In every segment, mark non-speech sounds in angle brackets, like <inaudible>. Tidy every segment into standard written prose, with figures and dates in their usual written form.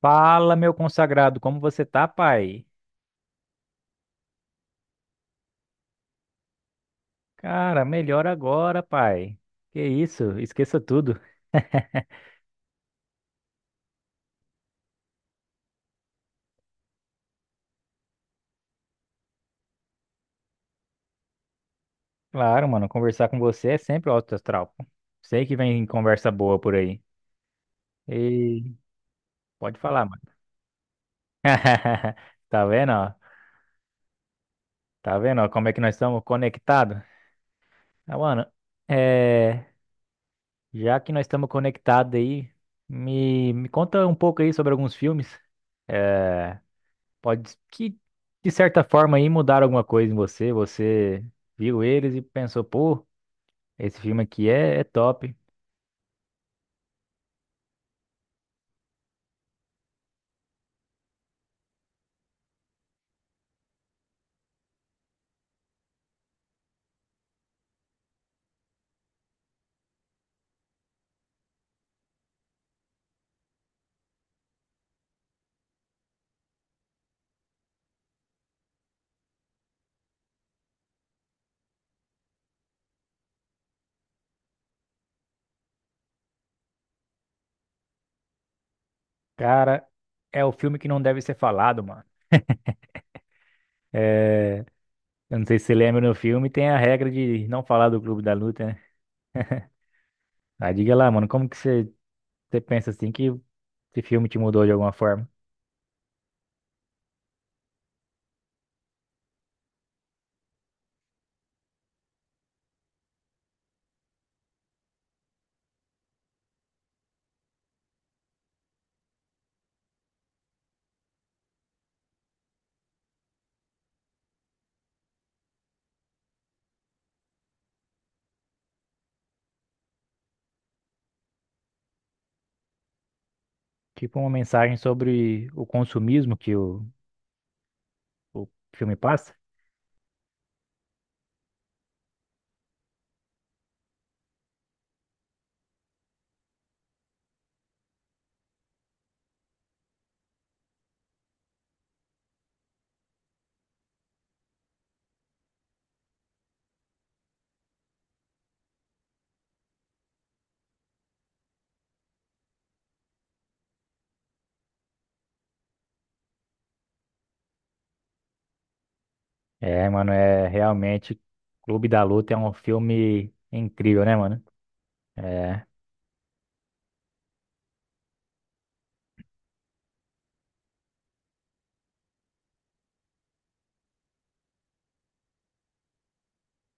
Fala, meu consagrado, como você tá, pai? Cara, melhor agora, pai. Que isso, esqueça tudo. <laughs> Claro, mano, conversar com você é sempre um alto astral. Pô, sei que vem conversa boa por aí. E pode falar, mano. <laughs> Tá vendo, ó? Tá vendo, ó, como é que nós estamos conectados? Ah, mano, é... já que nós estamos conectados aí, me conta um pouco aí sobre alguns filmes. É, Pode que, de certa forma, aí mudaram alguma coisa em você. Você viu eles e pensou, pô, esse filme aqui é top. Cara, é o filme que não deve ser falado, mano. É, eu não sei se você lembra no filme, tem a regra de não falar do Clube da Luta, né? Ah, diga lá, mano, como que você pensa assim que esse filme te mudou de alguma forma? Tipo uma mensagem sobre o consumismo que o filme passa? É, mano, é realmente Clube da Luta é um filme incrível, né, mano? É,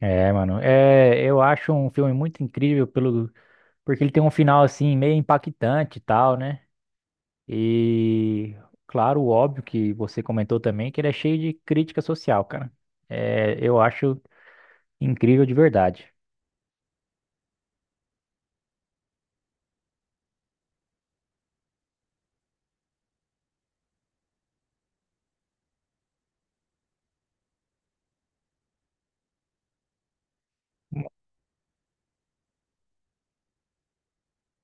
mano, é, eu acho um filme muito incrível porque ele tem um final assim meio impactante e tal, né? E claro, óbvio que você comentou também que ele é cheio de crítica social, cara. É, eu acho incrível de verdade.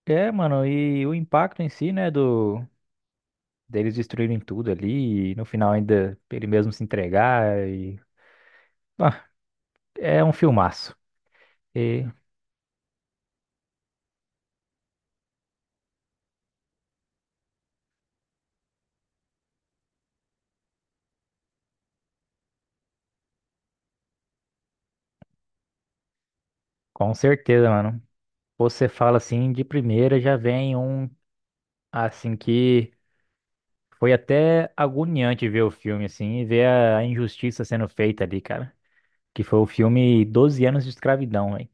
É, mano, e o impacto em si, né, do deles destruírem tudo ali e no final ainda ele mesmo se entregar e ah, é um filmaço. E com certeza, mano. Você fala assim de primeira já vem assim que foi até agoniante ver o filme, assim, e ver a injustiça sendo feita ali, cara. Que foi o filme Doze anos de escravidão, velho.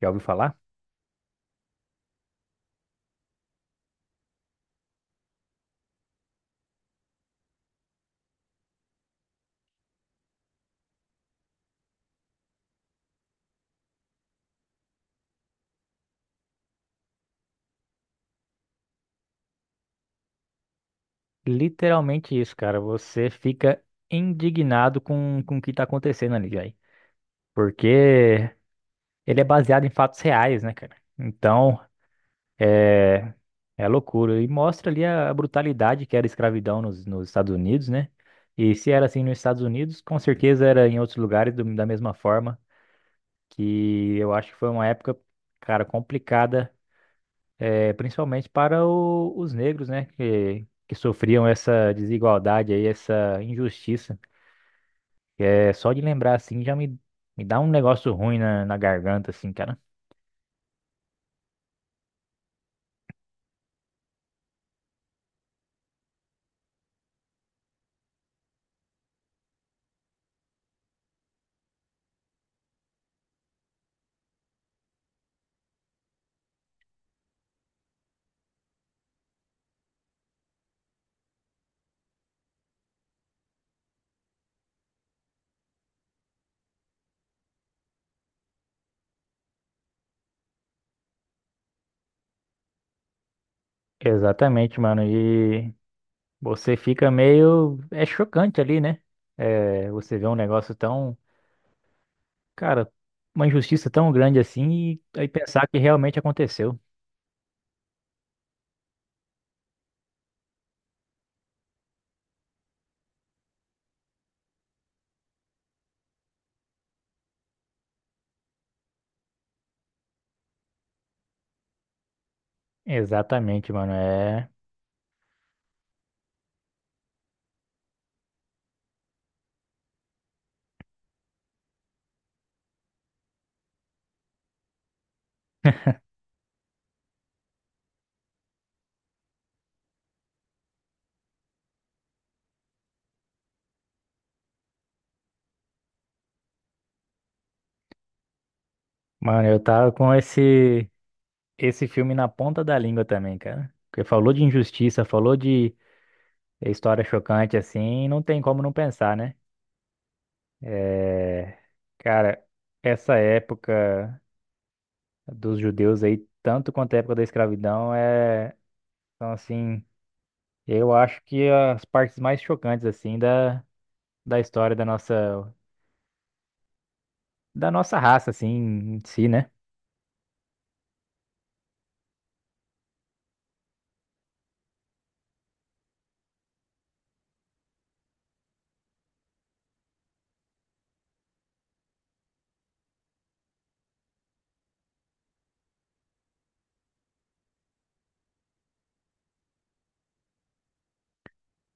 Já ouviu falar? Literalmente isso, cara. Você fica indignado com o que tá acontecendo ali, velho. Porque ele é baseado em fatos reais, né, cara? Então, é, é loucura. E mostra ali a brutalidade que era a escravidão nos Estados Unidos, né? E se era assim nos Estados Unidos, com certeza era em outros lugares da mesma forma. Que eu acho que foi uma época, cara, complicada, principalmente para os negros, né, que sofriam essa desigualdade aí, essa injustiça. É, só de lembrar assim me dá um negócio ruim na garganta, assim, cara. Exatamente, mano, e você fica meio, é chocante ali, né? Você vê um negócio tão, cara, uma injustiça tão grande assim e aí pensar que realmente aconteceu. Exatamente, mano, mano, eu tava com esse filme na ponta da língua também, cara. Porque falou de injustiça, falou de história chocante, assim, não tem como não pensar, né? É, cara, essa época dos judeus aí, tanto quanto a época da escravidão, é. Então, assim, eu acho que as partes mais chocantes, assim, da história da nossa raça, assim, em si, né?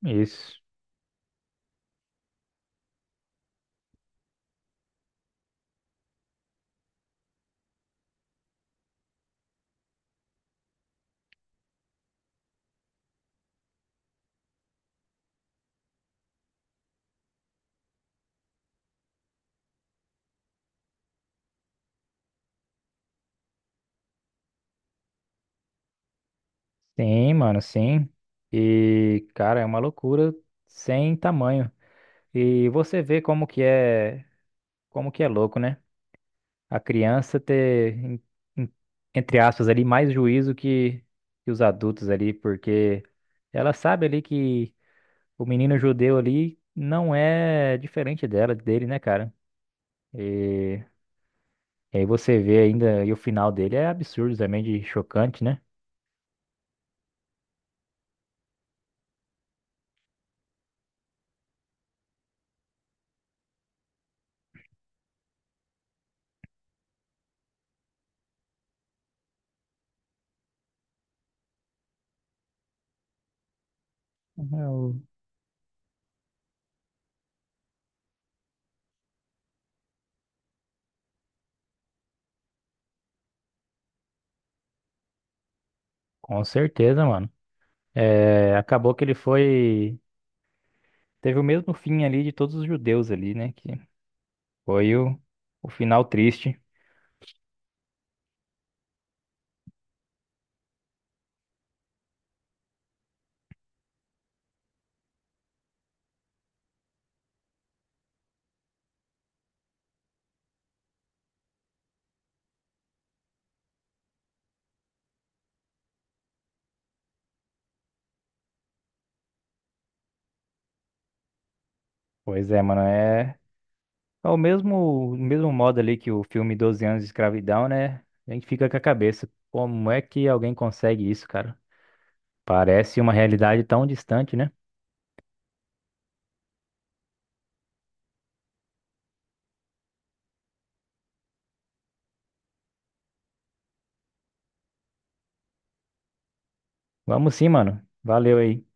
Isso. Sim, mano, sim. E, cara, é uma loucura sem tamanho. E você vê como que é louco, né? A criança ter, em- entre aspas, ali mais juízo que os adultos ali, porque ela sabe ali que o menino judeu ali não é diferente dela, dele, né, cara? E, e aí você vê ainda, e o final dele é absurdo também, de chocante, né? Eu- Com certeza, mano. É, acabou que ele foi, teve o mesmo fim ali de todos os judeus ali, né? Que foi o final triste. Pois é, mano, é o mesmo, modo ali que o filme Doze anos de escravidão, né? A gente fica com a cabeça, como é que alguém consegue isso, cara? Parece uma realidade tão distante, né? Vamos sim, mano. Valeu aí.